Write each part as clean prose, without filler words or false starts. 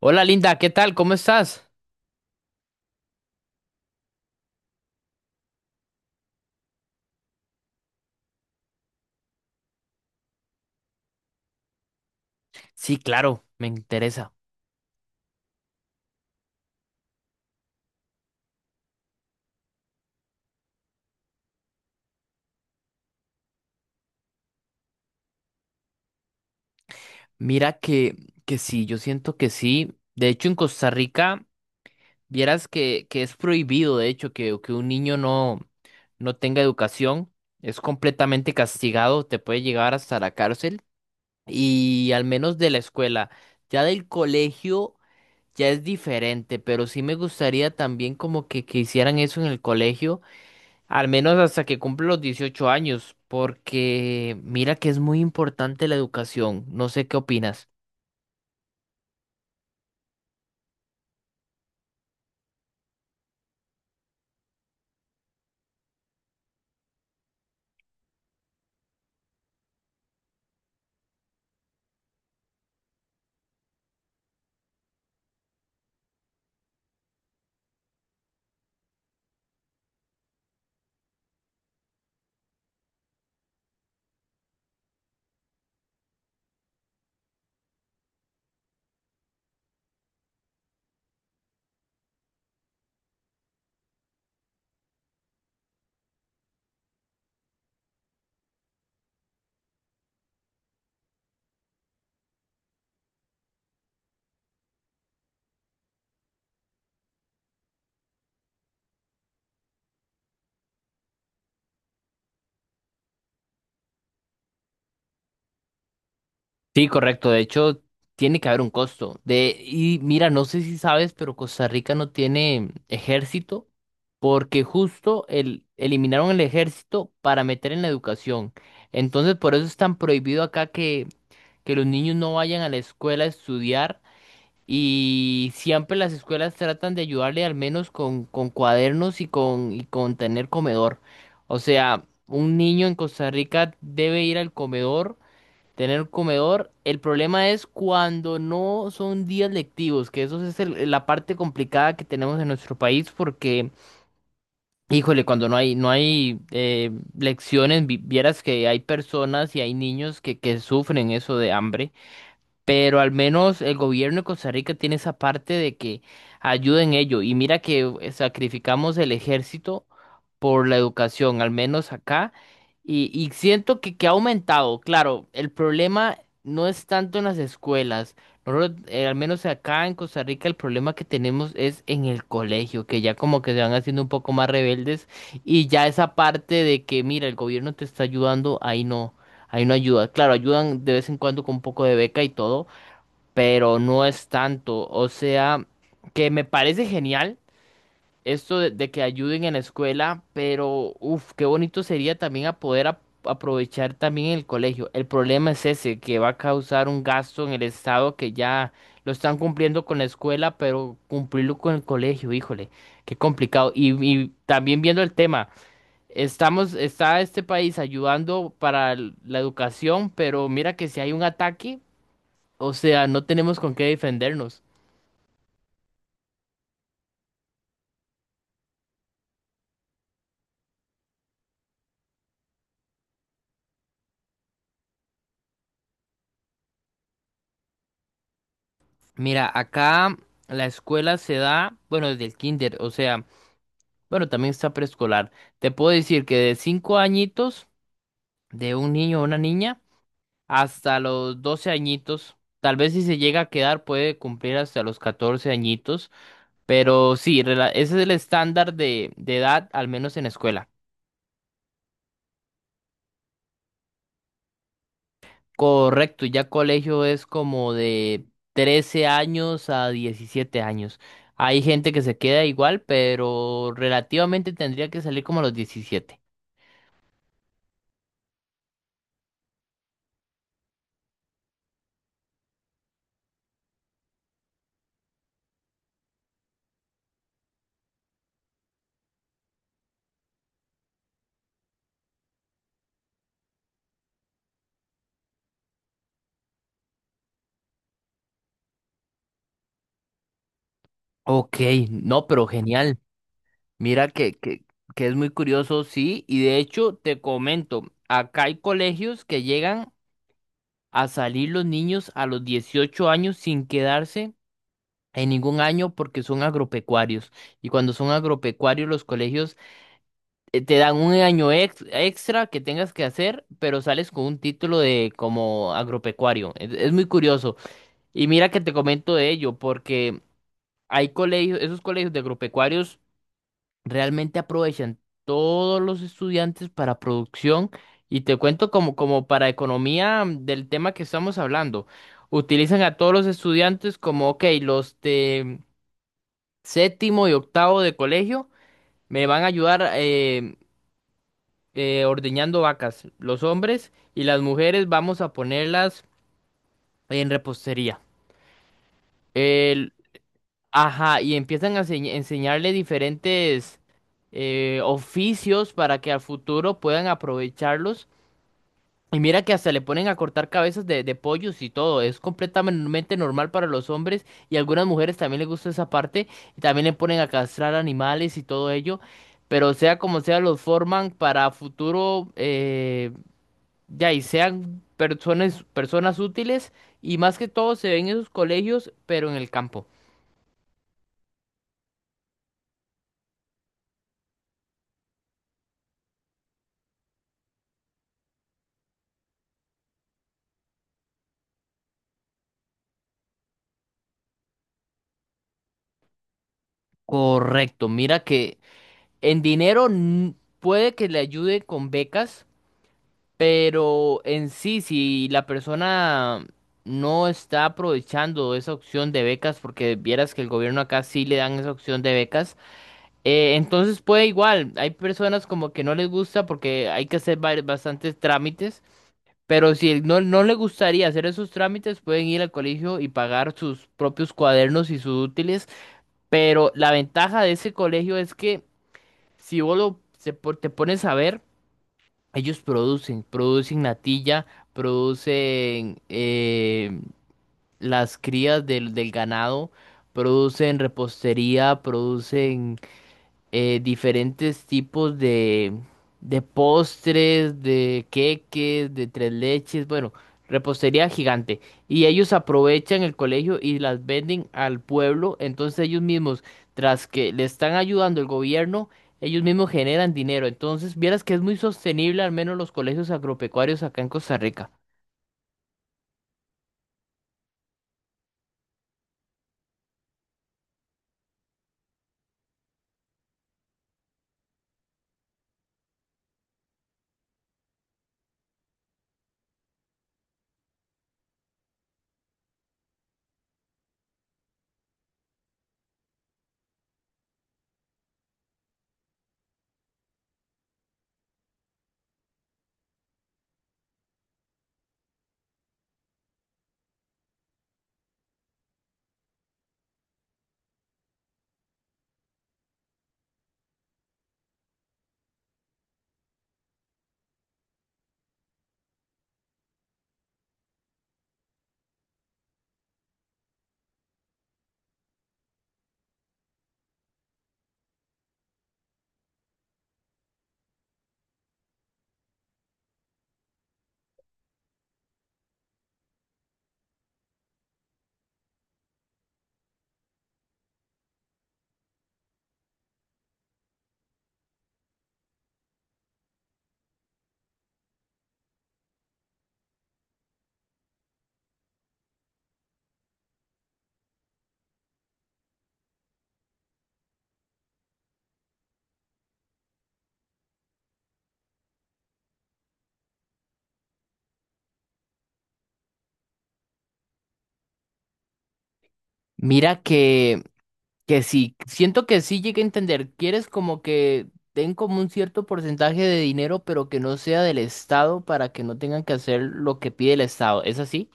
Hola Linda, ¿qué tal? ¿Cómo estás? Sí, claro, me interesa. Mira que sí, yo siento que sí. De hecho, en Costa Rica, vieras que es prohibido, de hecho, que un niño no tenga educación. Es completamente castigado, te puede llegar hasta la cárcel. Y al menos de la escuela. Ya del colegio ya es diferente, pero sí me gustaría también como que hicieran eso en el colegio. Al menos hasta que cumple los 18 años, porque mira que es muy importante la educación. No sé qué opinas. Sí, correcto. De hecho, tiene que haber un costo. Y mira, no sé si sabes, pero Costa Rica no tiene ejército, porque justo eliminaron el ejército para meter en la educación. Entonces, por eso es tan prohibido acá que los niños no vayan a la escuela a estudiar. Y siempre las escuelas tratan de ayudarle al menos con cuadernos y con tener comedor. O sea, un niño en Costa Rica debe ir al comedor, tener comedor. El problema es cuando no son días lectivos, que eso es el- la parte complicada que tenemos en nuestro país porque, híjole, cuando no hay lecciones, vieras que hay personas y hay niños que sufren eso de hambre, pero al menos el gobierno de Costa Rica tiene esa parte de que ayuda en ello. Y mira que sacrificamos el ejército por la educación, al menos acá, y siento que ha aumentado. Claro, el problema no es tanto en las escuelas. Nosotros, al menos acá en Costa Rica, el problema que tenemos es en el colegio, que ya como que se van haciendo un poco más rebeldes y ya esa parte de que, mira, el gobierno te está ayudando, ahí no. Ahí no ayuda. Claro, ayudan de vez en cuando con un poco de beca y todo, pero no es tanto. O sea, que me parece genial esto de que ayuden en la escuela, pero uff, qué bonito sería también a poder aprovechar también el colegio. El problema es ese, que va a causar un gasto en el estado que ya lo están cumpliendo con la escuela, pero cumplirlo con el colegio, híjole, qué complicado. Y también viendo el tema. Estamos, está este país ayudando para l- la educación, pero mira que si hay un ataque, o sea, no tenemos con qué defendernos. Mira, acá la escuela se da, bueno, desde el kinder, o sea, bueno, también está preescolar. Te puedo decir que de 5 añitos de un niño o una niña hasta los 12 añitos, tal vez si se llega a quedar puede cumplir hasta los 14 añitos, pero sí, rela- ese es el estándar de edad, al menos en escuela. Correcto, ya colegio es como de 13 años a 17 años. Hay gente que se queda igual, pero relativamente tendría que salir como a los 17. Ok, no, pero genial. Mira que es muy curioso, sí. Y de hecho, te comento, acá hay colegios que llegan a salir los niños a los 18 años sin quedarse en ningún año porque son agropecuarios. Y cuando son agropecuarios, los colegios te dan un año extra que tengas que hacer, pero sales con un título de como agropecuario. Es muy curioso. Y mira que te comento de ello, porque hay colegios, esos colegios de agropecuarios realmente aprovechan todos los estudiantes para producción. Y te cuento como, como para economía del tema que estamos hablando. Utilizan a todos los estudiantes como, ok, los de séptimo y octavo de colegio me van a ayudar. Ordeñando vacas, los hombres y las mujeres vamos a ponerlas en repostería. El- ajá, y empiezan a enseñarle diferentes oficios para que al futuro puedan aprovecharlos. Y mira que hasta le ponen a cortar cabezas de pollos y todo. Es completamente normal para los hombres y a algunas mujeres también les gusta esa parte. Y también le ponen a castrar animales y todo ello. Pero sea como sea, los forman para futuro. De ahí sean personas, personas útiles y más que todo se ven en esos colegios, pero en el campo. Correcto, mira que en dinero puede que le ayude con becas, pero en sí, si la persona no está aprovechando esa opción de becas, porque vieras que el gobierno acá sí le dan esa opción de becas, entonces puede igual, hay personas como que no les gusta porque hay que hacer bastantes trámites. Pero si no, no le gustaría hacer esos trámites, pueden ir al colegio y pagar sus propios cuadernos y sus útiles. Pero la ventaja de ese colegio es que si vos lo- se po- te pones a ver, ellos producen, producen natilla, producen las crías del ganado, producen repostería, producen diferentes tipos de postres, de queques, de tres leches, bueno, repostería gigante. Y ellos aprovechan el colegio y las venden al pueblo, entonces ellos mismos, tras que le están ayudando el gobierno, ellos mismos generan dinero. Entonces, vieras que es muy sostenible, al menos los colegios agropecuarios acá en Costa Rica. Mira que sí, siento que sí llegué a entender. Quieres como que den como un cierto porcentaje de dinero, pero que no sea del Estado para que no tengan que hacer lo que pide el Estado. ¿Es así?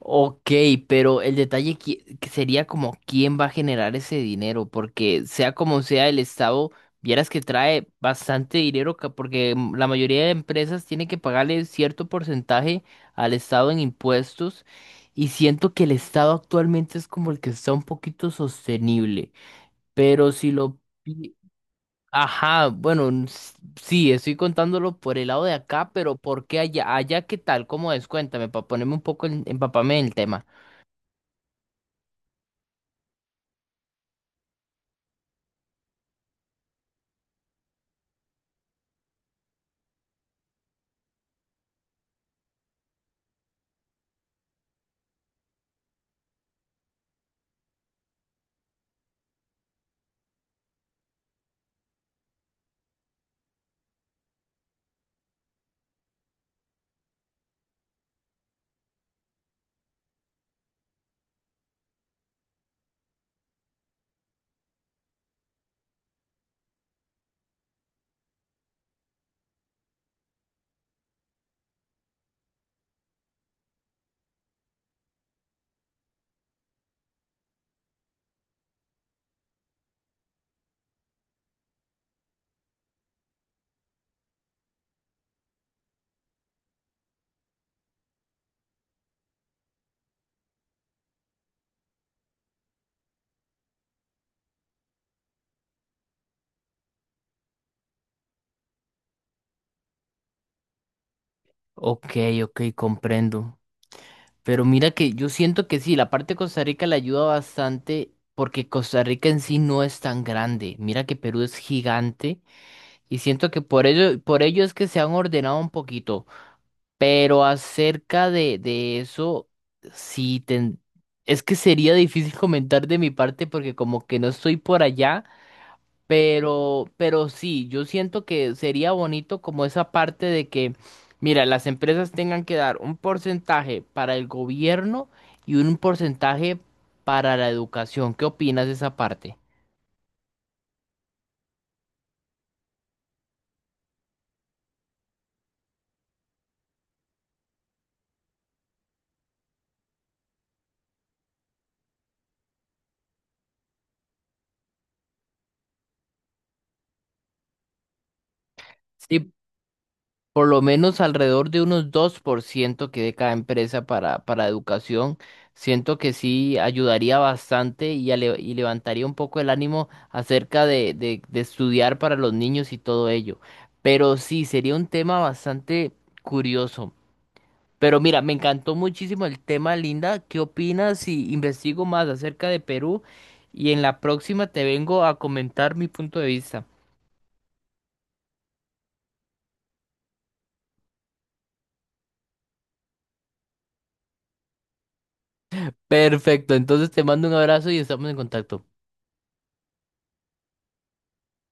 Ok, pero el detalle que sería como quién va a generar ese dinero, porque sea como sea el Estado, vieras que trae bastante dinero, porque la mayoría de empresas tiene que pagarle cierto porcentaje al Estado en impuestos, y siento que el Estado actualmente es como el que está un poquito sostenible. Pero si lo. Ajá, bueno, sí, estoy contándolo por el lado de acá, pero ¿por qué allá? Allá, ¿qué tal? ¿Cómo es? Cuéntame, para ponerme un poco empaparme en el tema. Ok, ok, comprendo. Pero mira que yo siento que sí, la parte de Costa Rica le ayuda bastante porque Costa Rica en sí no es tan grande. Mira que Perú es gigante y siento que por ello, por ello, es que se han ordenado un poquito. Pero acerca de eso, sí, es que sería difícil comentar de mi parte porque como que no estoy por allá, pero sí, yo siento que sería bonito como esa parte de que, mira, las empresas tengan que dar un porcentaje para el gobierno y un porcentaje para la educación. ¿Qué opinas de esa parte? Sí, por lo menos alrededor de unos 2% que de cada empresa para educación. Siento que sí ayudaría bastante y levantaría un poco el ánimo acerca de estudiar para los niños y todo ello. Pero sí, sería un tema bastante curioso. Pero mira, me encantó muchísimo el tema, Linda. ¿Qué opinas si investigo más acerca de Perú? Y en la próxima te vengo a comentar mi punto de vista. Perfecto, entonces te mando un abrazo y estamos en contacto.